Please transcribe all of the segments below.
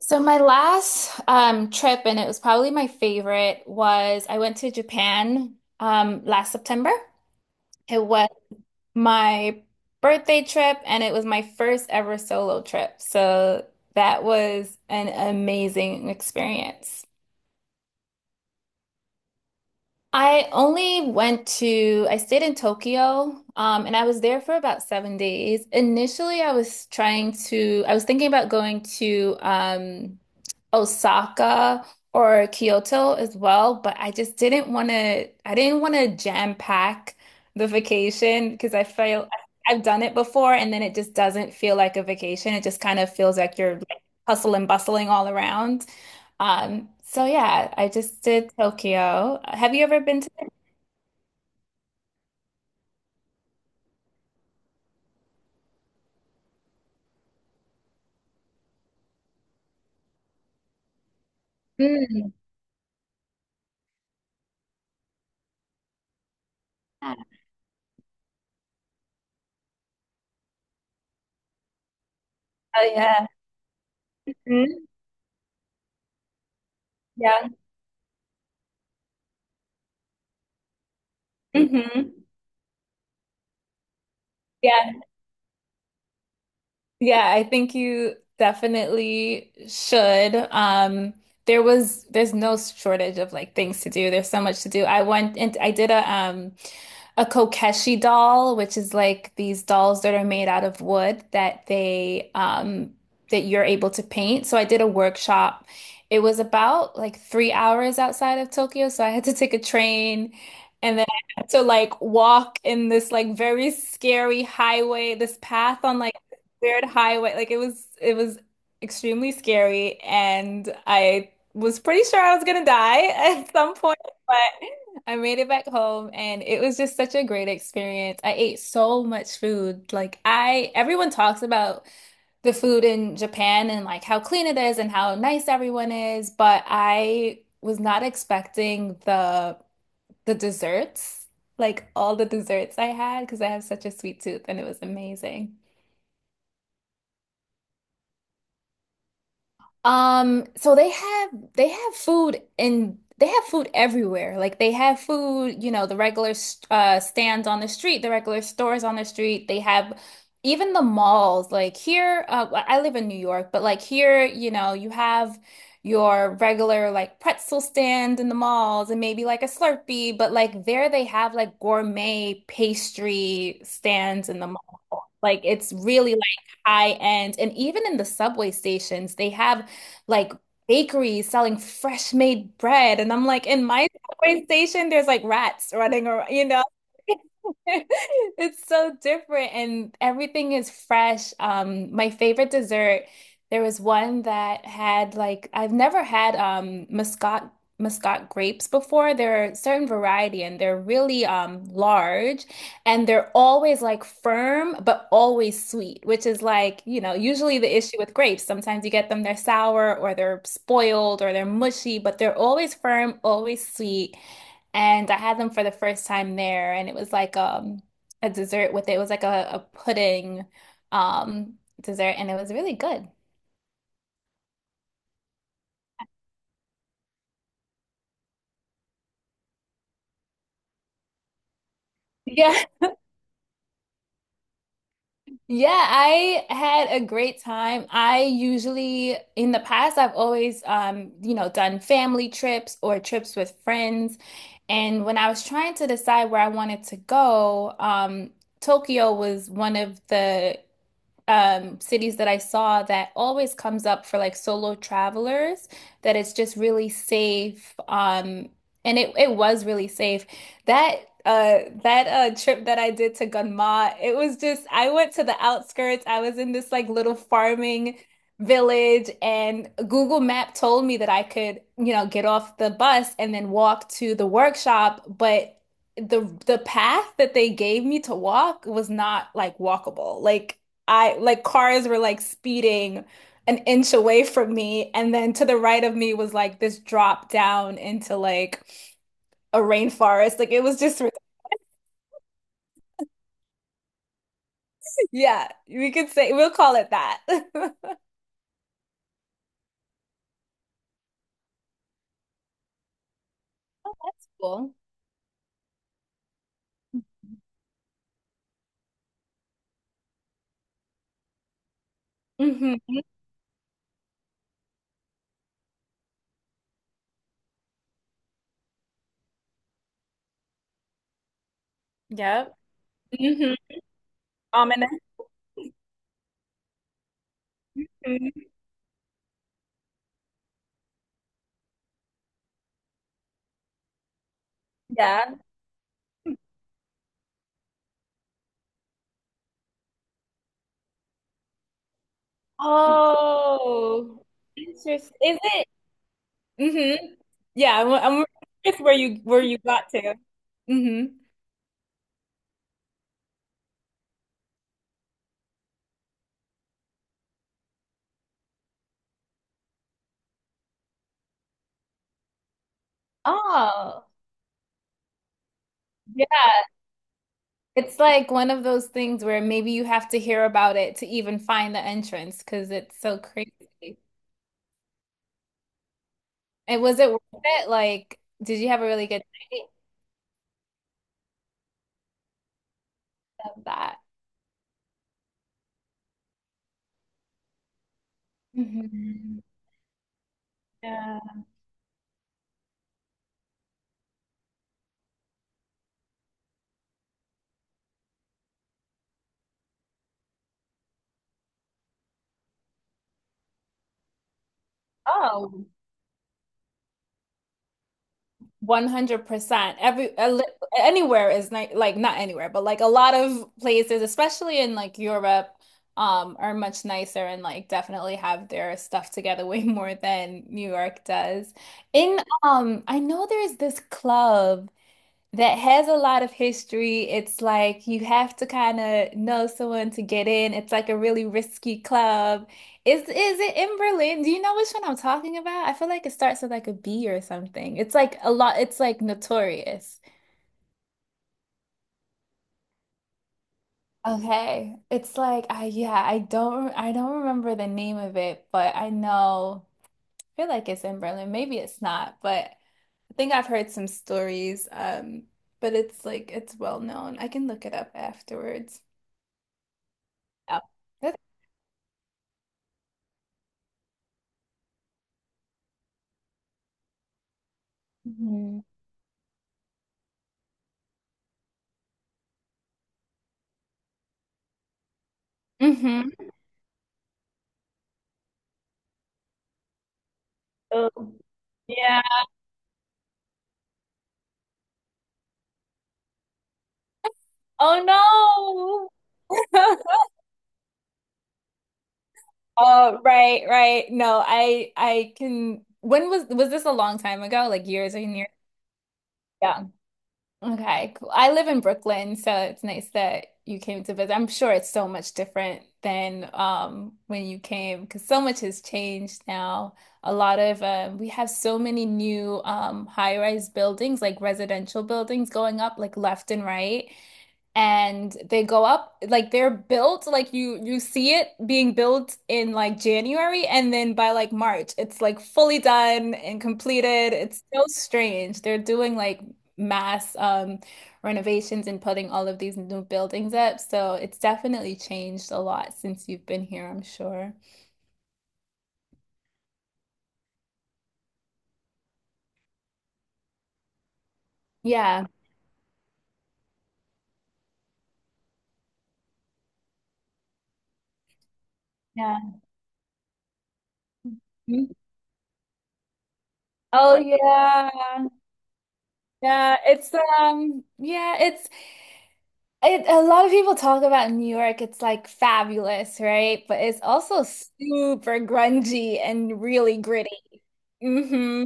So my last trip, and it was probably my favorite, was I went to Japan last September. It was my birthday trip, and it was my first ever solo trip. So that was an amazing experience. I only went to, I stayed in Tokyo, and I was there for about 7 days. Initially, I was thinking about going to Osaka or Kyoto as well, but I didn't want to jam pack the vacation because I feel I've done it before and then it just doesn't feel like a vacation. It just kind of feels like you're like hustle and bustling all around. So yeah, I just did Tokyo. Have you ever been Ừm. À, ừ, à. Ừm, dạ. Ừm Yeah. Yeah, I think you definitely should. There's no shortage of like things to do. There's so much to do. I went and I did a Kokeshi doll, which is like these dolls that are made out of wood that they that you're able to paint. So I did a workshop. It was about like 3 hours outside of Tokyo, so I had to take a train and then I had to like walk in this like very scary highway, this path on like weird highway. Like it was extremely scary and I was pretty sure I was gonna die at some point, but I made it back home and it was just such a great experience. I ate so much food. Like I everyone talks about the food in Japan and like how clean it is and how nice everyone is, but I was not expecting the desserts, like all the desserts I had because I have such a sweet tooth and it was amazing. So they have food everywhere. Like they have food, you know, the regular stands on the street, the regular stores on the street. They have even the malls. Like here, I live in New York, but like here, you know, you have your regular like pretzel stand in the malls and maybe like a Slurpee, but like there they have like gourmet pastry stands in the mall. Like it's really like high end. And even in the subway stations, they have like bakeries selling fresh made bread. And I'm like, in my subway station, there's like rats running around, you know? It's so different and everything is fresh. My favorite dessert, there was one that had like I've never had Muscat grapes before. They're a certain variety and they're really large and they're always like firm but always sweet, which is like, you know, usually the issue with grapes. Sometimes you get them they're sour or they're spoiled or they're mushy, but they're always firm, always sweet. And I had them for the first time there, and it was like a dessert with it. It was like a pudding dessert, and it was really good. Yeah. Yeah, I had a great time. I usually in the past I've always you know, done family trips or trips with friends. And when I was trying to decide where I wanted to go, Tokyo was one of the cities that I saw that always comes up for like solo travelers, that it's just really safe. And it was really safe. That that trip that I did to Gunma, it was just I went to the outskirts. I was in this like little farming village and Google Map told me that I could, you know, get off the bus and then walk to the workshop, but the path that they gave me to walk was not like walkable. Like I like cars were like speeding an inch away from me, and then to the right of me was like this drop down into like a rainforest. Like it was just, yeah, we could say we'll call it that. Cool. hmm Yep. hmm Ominous. Mhm. Yeah. Oh, interesting. Is it? Hmm Yeah, I'm curious where you got to. Hmm Oh, yeah. It's like one of those things where maybe you have to hear about it to even find the entrance because it's so crazy. And was it worth it? Like, did you have a really good night of that? Mhm. Yeah. Oh, 100%. Anywhere is ni like not anywhere, but like a lot of places, especially in like Europe, are much nicer and like definitely have their stuff together way more than New York does. In I know there's this club. That has a lot of history. It's like you have to kind of know someone to get in. It's like a really risky club. Is it in Berlin? Do you know which one I'm talking about? I feel like it starts with like a B or something. It's like notorious. Okay. It's like I yeah, I don't remember the name of it, but I know I feel like it's in Berlin. Maybe it's not, but I think I've heard some stories. But it's like it's well known. I can look it up afterwards. Yeah. That's hmm hmm Oh, yeah. Oh no. Oh, right, right. No, I can when was this a long time ago? Like years and years? Yeah. Okay, cool. I live in Brooklyn, so it's nice that you came to visit. I'm sure it's so much different than when you came because so much has changed now. A lot of we have so many new high-rise buildings, like residential buildings going up like left and right. and they go up like they're built like you see it being built in like January and then by like March it's like fully done and completed. It's so strange. They're doing like mass renovations and putting all of these new buildings up. So it's definitely changed a lot since you've been here, I'm sure. Yeah. Yeah. Mhm. Oh yeah. Yeah, it's yeah, it's It, a lot of people talk about New York. It's like fabulous, right? But it's also super grungy and really gritty. Hmm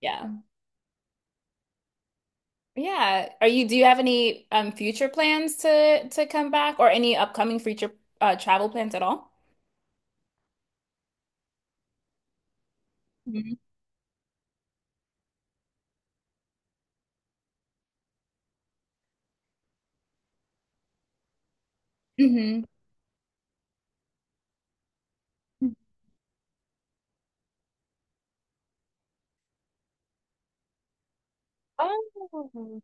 Yeah. Yeah. Are you, do you have any future plans to come back or any upcoming future travel plans at all? Mm-hmm. Oh,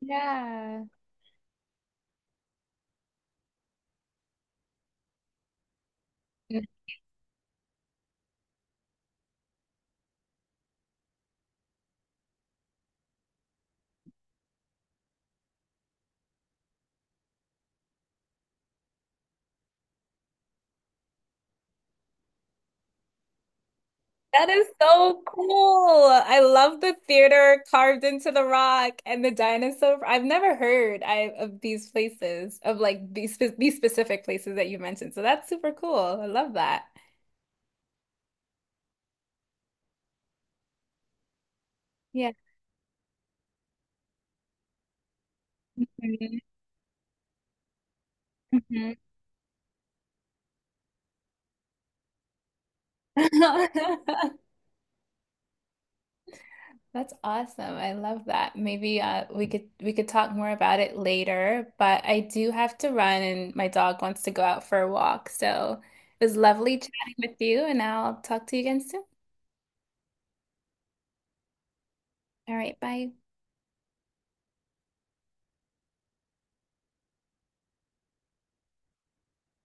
yeah. That is so cool. I love the theater carved into the rock and the dinosaur. I've never heard I of these places, of like these specific places that you mentioned. So that's super cool. I love that. Yeah. Mhm. Mhm. That's awesome. I love that. Maybe we could talk more about it later, but I do have to run and my dog wants to go out for a walk. So it was lovely chatting with you, and I'll talk to you again soon. All right, bye.